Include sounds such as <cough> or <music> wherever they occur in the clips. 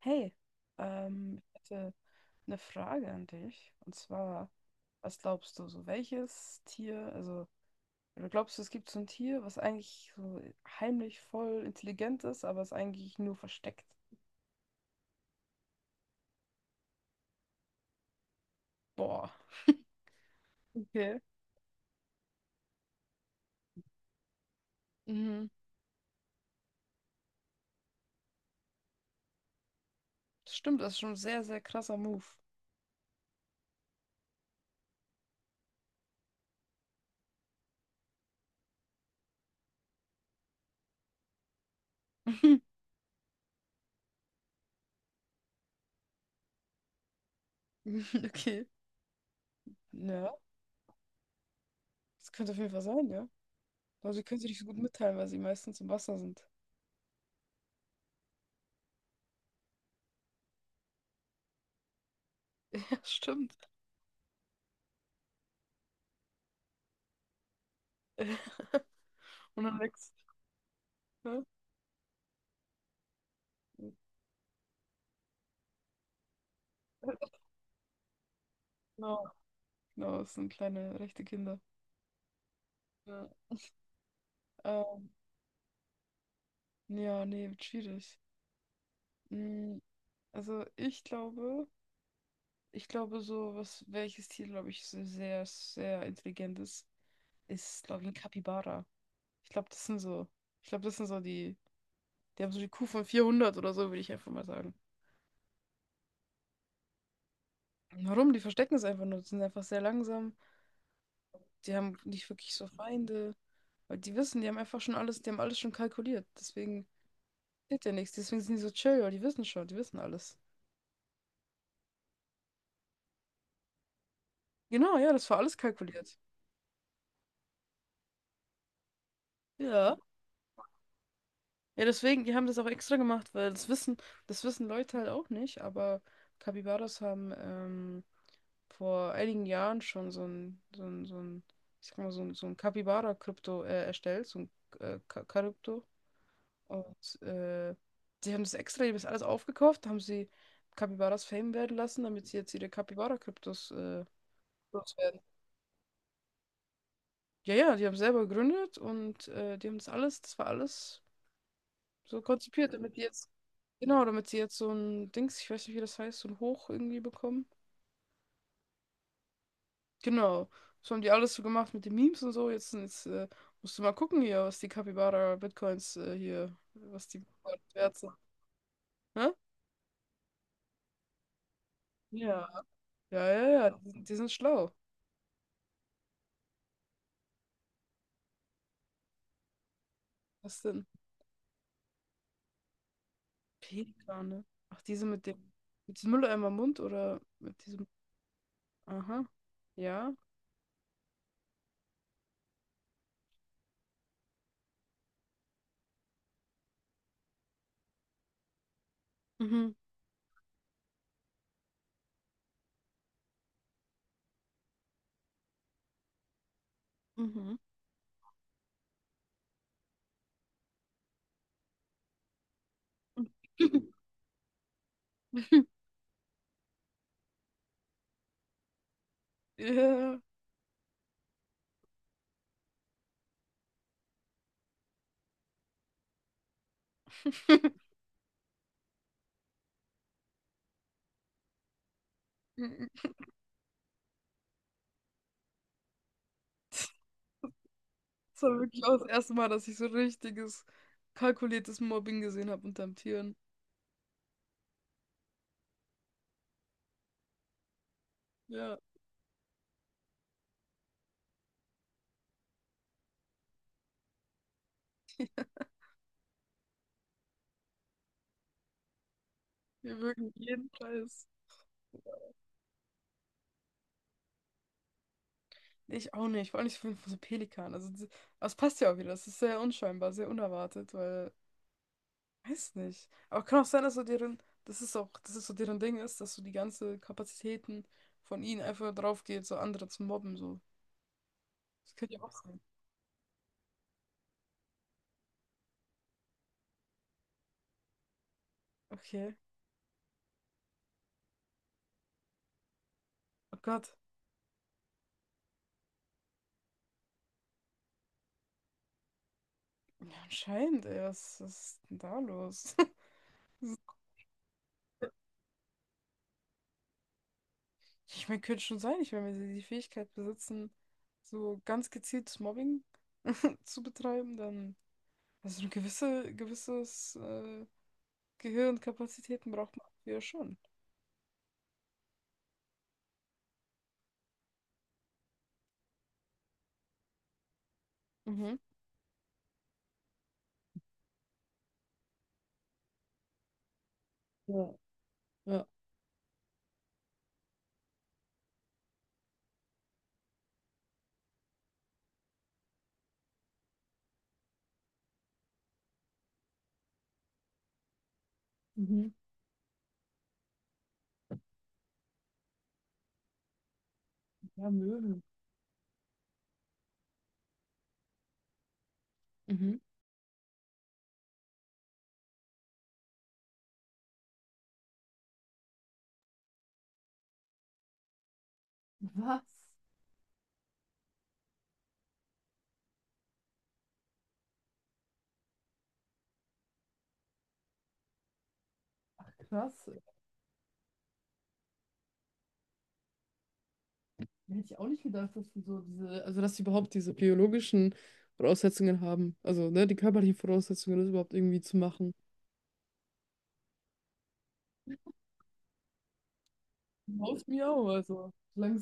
Hey, ich hätte eine Frage an dich. Und zwar, was glaubst du, so welches Tier, also, oder glaubst du, es gibt so ein Tier, was eigentlich so heimlich voll intelligent ist, aber es eigentlich nur versteckt? Boah, okay. Mhm. Das stimmt, das ist schon ein sehr, sehr krasser Move. <laughs> Okay. Ja, das könnte auf jeden Fall sein, ja. Aber sie können sich nicht so gut mitteilen, weil sie meistens im Wasser sind. <laughs> Ja, stimmt. <laughs> Und dann wächst, ne? <laughs> Genau. Genau, es sind kleine rechte Kinder. Ja. Ähm, ja, nee, wird schwierig. Mm, Also ich glaube so, was, welches Tier, glaube ich, so sehr, sehr intelligent ist, ist, glaube ich, ein Capybara. Ich glaube, das sind so, ich glaube, das sind so die, die haben so die Kuh von 400 oder so, würde ich einfach mal sagen. Warum? Die verstecken es einfach nur, die sind einfach sehr langsam, die haben nicht wirklich so Feinde, weil die wissen, die haben einfach schon alles, die haben alles schon kalkuliert, deswegen passiert ja nichts, deswegen sind die so chill, weil die wissen schon, die wissen alles. Genau, ja, das war alles kalkuliert. Ja. Ja, deswegen, die haben das auch extra gemacht, das wissen Leute halt auch nicht, aber Capybaras haben vor einigen Jahren schon so ein, ich sag mal, so ein Capybara-Krypto erstellt, so ein Krypto. Und sie haben das extra, die haben das alles aufgekauft, haben sie Capybaras Fame werden lassen, damit sie jetzt ihre Capybara-Kryptos loswerden. Ja, ja, die haben selber gegründet und die haben das alles, das war alles so konzipiert, damit die jetzt, genau, damit sie jetzt so ein Dings, ich weiß nicht, wie das heißt, so ein Hoch irgendwie bekommen. Genau. So haben die alles so gemacht mit den Memes und so. Jetzt, musst du mal gucken hier, was die Capybara Bitcoins hier, was die wert sind. Hä? Ja. Ja, ja, ja, die sind schlau. Was denn? Pelikane. Ach, diese mit dem, mit diesem Mülleimer im Mund oder mit diesem, aha, ja. Mhm, mhm. <laughs> Ja. <laughs> Das war wirklich auch das erste Mal, dass ich so richtiges, kalkuliertes Mobbing gesehen habe unterm Tieren. Ja, wir wirklich jeden Preis. Ich auch nicht, vor allem nicht von so Pelikan. Also, das passt ja auch wieder. Das ist sehr unscheinbar, sehr unerwartet, weil, weiß nicht. Aber kann auch sein, dass so deren, das ist auch, das ist so deren Ding ist, dass so die ganze Kapazitäten von ihnen einfach drauf geht, so andere zu mobben, so. Das könnte ja auch sein. Okay. Oh Gott. Ja, anscheinend, ey, was ist denn da los? <laughs> Ich meine, könnte schon sein, ich meine, wenn sie die Fähigkeit besitzen, so ganz gezieltes Mobbing <laughs> zu betreiben, dann, also eine gewisse, gewisses Gehirnkapazitäten braucht man ja schon. Mhm. Ja, ja, mhm. Ja, Möwen. Mhm. Was? Ach, krass. Hätte ich auch nicht gedacht, dass sie so diese, also dass sie überhaupt diese biologischen Voraussetzungen haben. Also, ne, die körperlichen Voraussetzungen, das überhaupt irgendwie zu machen. Läuft mir auch, also. Solange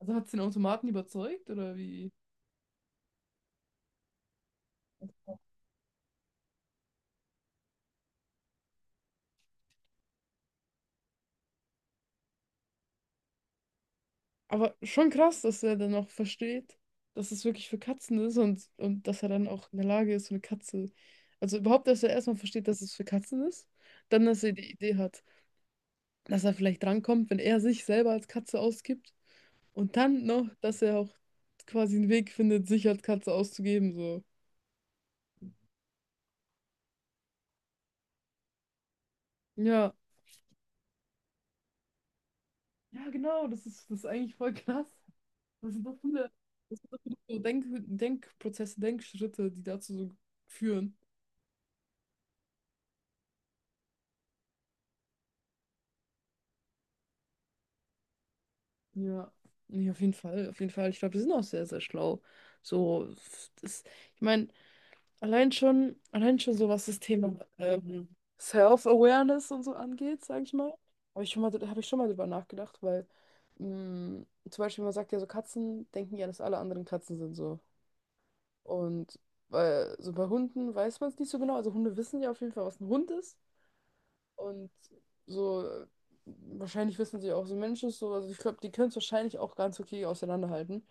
also hat es den Automaten überzeugt oder wie? Aber schon krass, dass er dann auch versteht, dass es wirklich für Katzen ist und dass er dann auch in der Lage ist, so eine Katze. Also überhaupt, dass er erstmal versteht, dass es für Katzen ist, dann, dass er die Idee hat, dass er vielleicht drankommt, wenn er sich selber als Katze ausgibt und dann noch, dass er auch quasi einen Weg findet, sich als Katze auszugeben, so. Ja. Ja, genau, das ist eigentlich voll krass. Das sind so viele, das sind so viele so Denk Denkprozesse, Denkschritte, die dazu so führen. Ja, nee, auf jeden Fall, auf jeden Fall. Ich glaube, die sind auch sehr, sehr schlau. So, das, ich meine, allein schon so, was das Thema Self-Awareness und so angeht, sage ich mal. Habe ich schon mal drüber nachgedacht, weil zum Beispiel man sagt ja so, Katzen denken ja, dass alle anderen Katzen sind so. Und weil so bei Hunden weiß man es nicht so genau. Also Hunde wissen ja auf jeden Fall, was ein Hund ist. Und so, wahrscheinlich wissen sie auch, so ein Mensch ist so, also ich glaube, die können es wahrscheinlich auch ganz okay auseinanderhalten.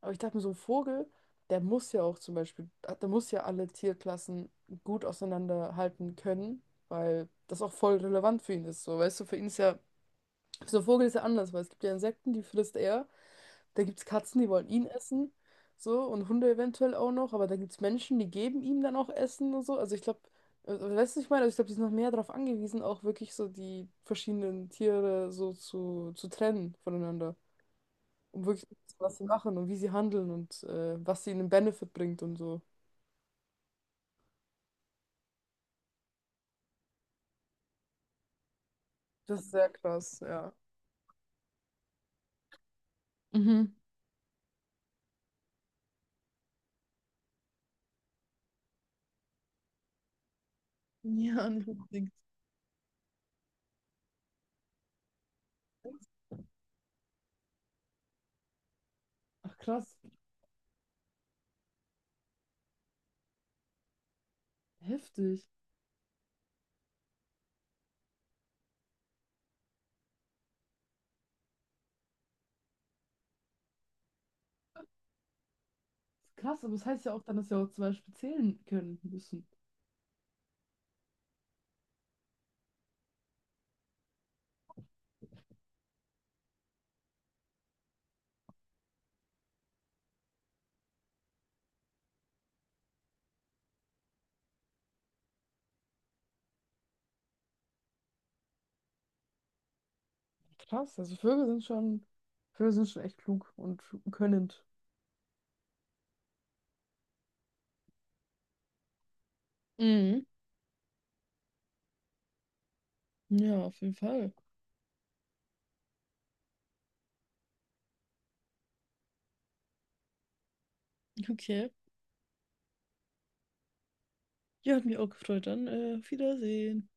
Aber ich dachte mir, so ein Vogel, der muss ja auch zum Beispiel, der muss ja alle Tierklassen gut auseinanderhalten können, weil das auch voll relevant für ihn ist. So, weißt du, für ihn ist ja, so ein Vogel ist ja anders, weil es gibt ja Insekten, die frisst er. Da gibt es Katzen, die wollen ihn essen, so, und Hunde eventuell auch noch, aber da gibt es Menschen, die geben ihm dann auch Essen und so. Also ich glaube, weißt du, was ich meine? Also ich glaube, die sind noch mehr darauf angewiesen, auch wirklich so die verschiedenen Tiere so zu trennen voneinander. Um wirklich zu wissen, was sie machen und wie sie handeln und was sie ihnen Benefit bringt und so. Das ist sehr krass, ja. Mhm. Ja, <laughs> nicht unbedingt. Ach krass, heftig. Krass, aber das heißt ja auch dann, dass sie auch zum Beispiel zählen können müssen. Krass, also Vögel sind schon echt klug und könnend. Mhm. Ja, auf jeden Fall. Okay. Ja, hat mich auch gefreut. Dann auf Wiedersehen.